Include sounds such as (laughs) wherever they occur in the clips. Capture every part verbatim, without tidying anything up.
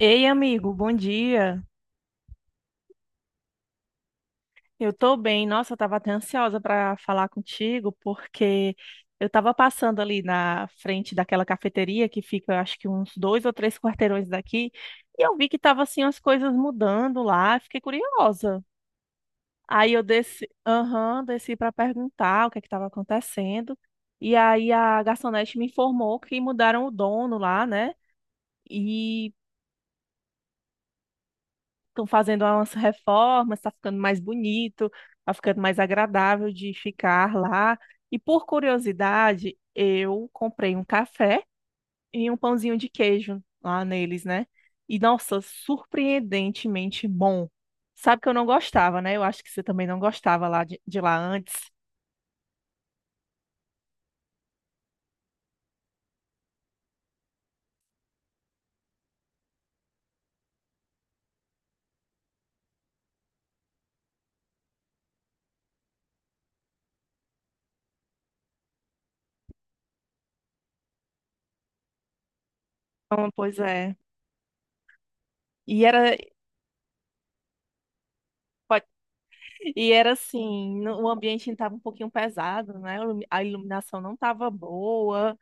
Ei, amigo, bom dia. Eu tô bem. Nossa, eu tava até ansiosa para falar contigo, porque eu tava passando ali na frente daquela cafeteria que fica, acho que uns dois ou três quarteirões daqui, e eu vi que tava assim as coisas mudando lá, fiquei curiosa. Aí eu desci, aham, desci para perguntar o que é que tava acontecendo. E aí a garçonete me informou que mudaram o dono lá, né? E estão fazendo umas reformas, está ficando mais bonito, está ficando mais agradável de ficar lá. E por curiosidade, eu comprei um café e um pãozinho de queijo lá neles, né? E nossa, surpreendentemente bom. Sabe que eu não gostava, né? Eu acho que você também não gostava lá de, de lá antes. Então, pois é. E era, pode- e era assim, no- o ambiente estava um pouquinho pesado, né? A iluminação não estava boa.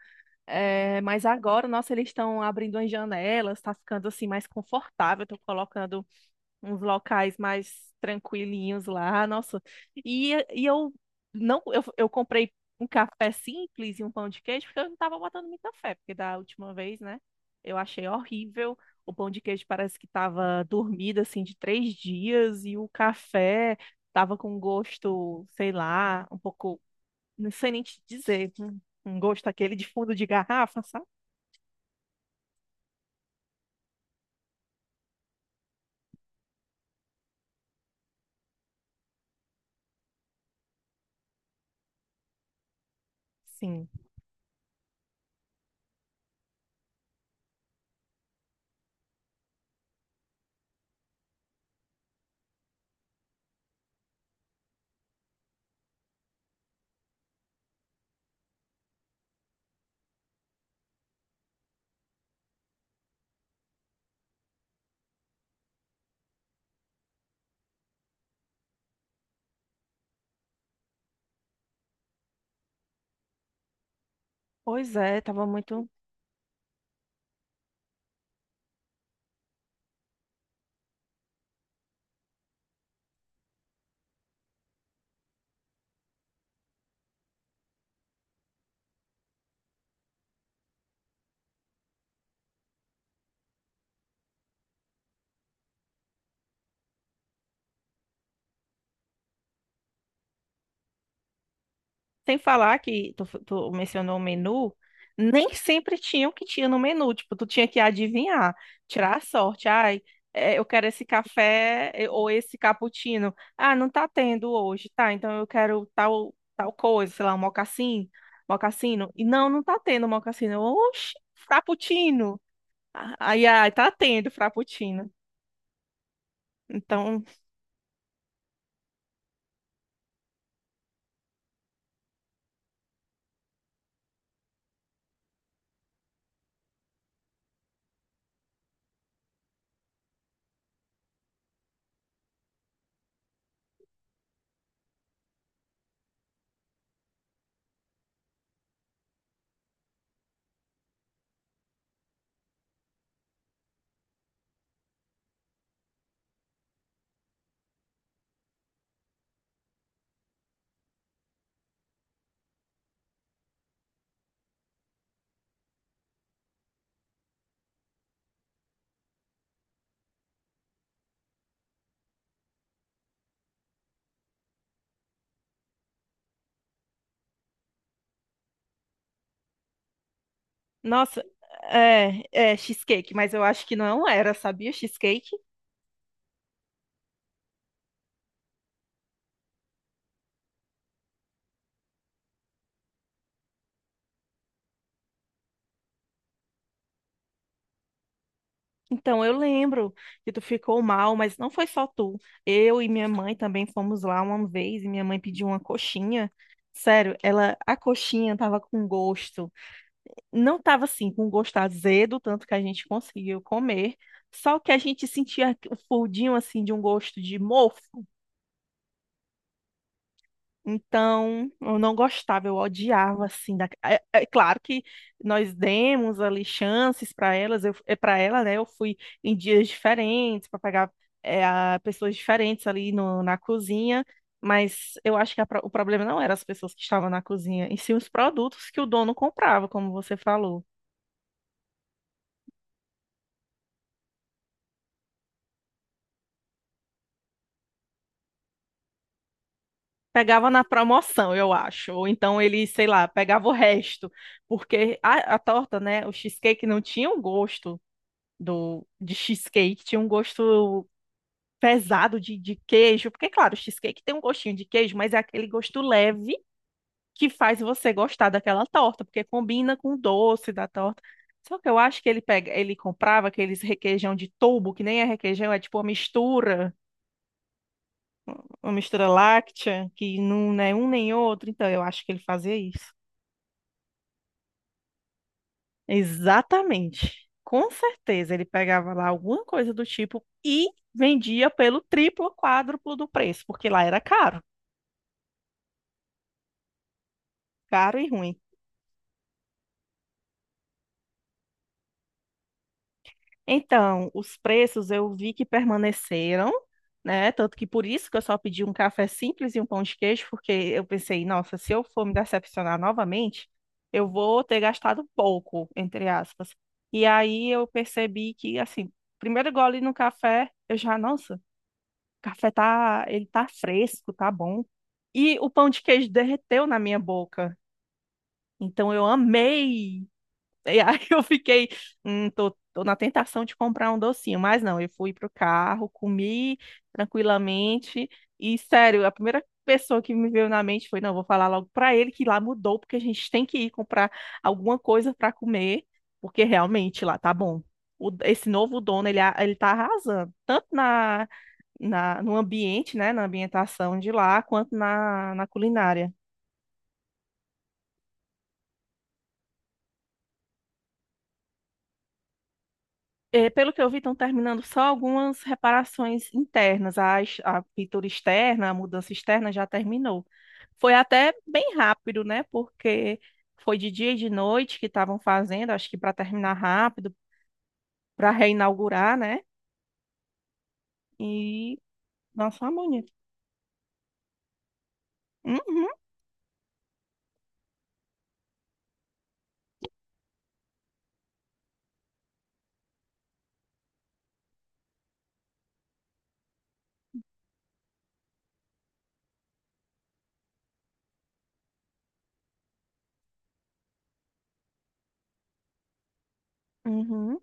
É, mas agora, nossa, eles estão abrindo as janelas, tá ficando assim mais confortável, estão colocando uns locais mais tranquilinhos lá, nossa. E, e eu não, eu, eu comprei um café simples e um pão de queijo, porque eu não tava botando muita fé, porque da última vez, né, eu achei horrível. O pão de queijo parece que tava dormido assim de três dias, e o café tava com um gosto, sei lá, um pouco, não sei nem te dizer, um um gosto aquele de fundo de garrafa, sabe? Sim. Pois é, tava muito. Sem falar que tu, tu mencionou o menu, nem sempre tinha o que tinha no menu. Tipo, tu tinha que adivinhar, tirar a sorte. Ai, é, eu quero esse café é, ou esse cappuccino. Ah, não tá tendo hoje, tá? Então eu quero tal, tal coisa, sei lá, um mocassim, mocassino. E não, não tá tendo mocassino. Oxi, frappuccino. Ah, ai, ai, tá tendo frappuccino. Então, nossa, é, é cheesecake, mas eu acho que não era, sabia? Cheesecake. Então eu lembro que tu ficou mal, mas não foi só tu. Eu e minha mãe também fomos lá uma vez e minha mãe pediu uma coxinha. Sério, ela, a coxinha tava com gosto. Não tava assim, com gosto azedo, tanto que a gente conseguiu comer. Só que a gente sentia o fundinho assim de um gosto de mofo. Então, eu não gostava, eu odiava assim. da- É, é claro que nós demos ali chances para elas, eu para ela, né? Eu fui em dias diferentes para pegar é, a- pessoas diferentes ali no- na cozinha, mas eu acho que a pro- o problema não era as pessoas que estavam na cozinha, e sim os produtos que o dono comprava, como você falou. Pegava na promoção, eu acho. Ou então ele, sei lá, pegava o resto, porque a, a torta, né? O cheesecake não tinha o gosto do, de cheesecake, tinha um gosto pesado de, de queijo, porque, claro, o cheesecake tem um gostinho de queijo, mas é aquele gosto leve que faz você gostar daquela torta, porque combina com o doce da torta. Só que eu acho que ele pega, ele comprava aqueles requeijão de tubo, que nem é requeijão, é tipo uma mistura, uma mistura láctea, que não é um nem outro. Então eu acho que ele fazia isso. Exatamente. Com certeza ele pegava lá alguma coisa do tipo e vendia pelo triplo, quádruplo do preço, porque lá era caro, caro e ruim. Então, os preços eu vi que permaneceram, né? Tanto que por isso que eu só pedi um café simples e um pão de queijo, porque eu pensei, nossa, se eu for me decepcionar novamente, eu vou ter gastado pouco, entre aspas. E aí eu percebi que, assim, primeiro gole no café, eu já, nossa, o café tá, ele tá fresco, tá bom. E o pão de queijo derreteu na minha boca. Então eu amei. E aí (laughs) eu fiquei, hum, tô, tô na tentação de comprar um docinho, mas não, eu fui pro carro, comi tranquilamente e sério, a primeira pessoa que me veio na mente foi, não, vou falar logo pra ele que lá mudou porque a gente tem que ir comprar alguma coisa pra comer, porque realmente lá tá bom. O- esse novo dono, ele, a- ele tá arrasando, tanto na na, no ambiente, né, na ambientação de lá, quanto na, na culinária. Eh, pelo que eu vi, estão terminando só algumas reparações internas. A, ex- a pintura externa, a mudança externa já terminou. Foi até bem rápido, né? Porque foi de dia e de noite que estavam fazendo, acho que para terminar rápido, para reinaugurar, né? E nossa, uma bonito. Uhum, uhum.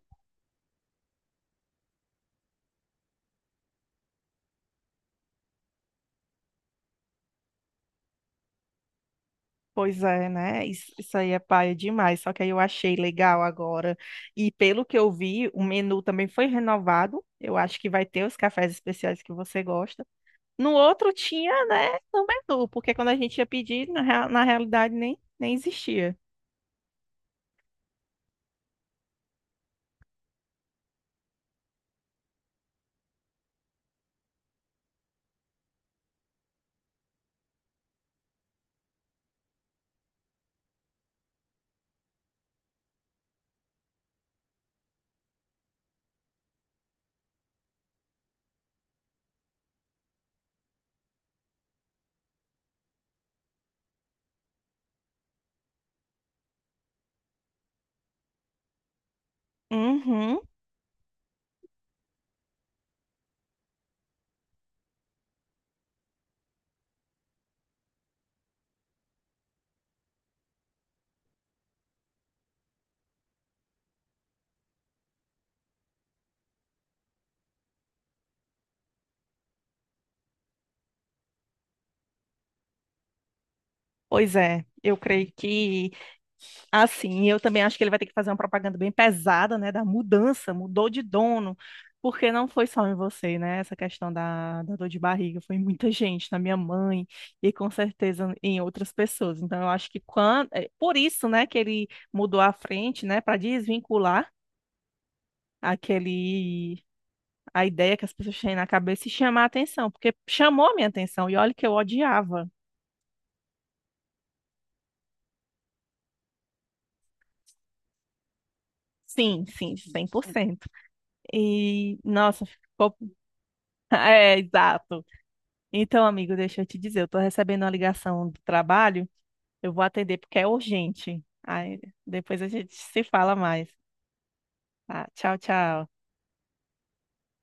Pois é, né? Isso, isso aí é paia demais. Só que aí eu achei legal agora. E pelo que eu vi, o menu também foi renovado. Eu acho que vai ter os cafés especiais que você gosta. No outro tinha, né, no menu, porque quando a gente ia pedir, na, rea- na realidade nem, nem existia. Uhum. Pois é, eu creio que assim, eu também acho que ele vai ter que fazer uma propaganda bem pesada, né, da mudança, mudou de dono, porque não foi só em você, né, essa questão da, da dor de barriga, foi em muita gente, na minha mãe e com certeza em outras pessoas. Então, eu acho que quando, é por isso, né, que ele mudou a frente, né, para desvincular aquele a ideia que as pessoas têm na cabeça e chamar a atenção, porque chamou a minha atenção e olha que eu odiava. Sim, sim, cem por cento. E, nossa, ficou (laughs) é, exato. Então, amigo, deixa eu te dizer, eu tô recebendo uma ligação do trabalho, eu vou atender porque é urgente. Aí depois a gente se fala mais. Tá? Tchau, tchau.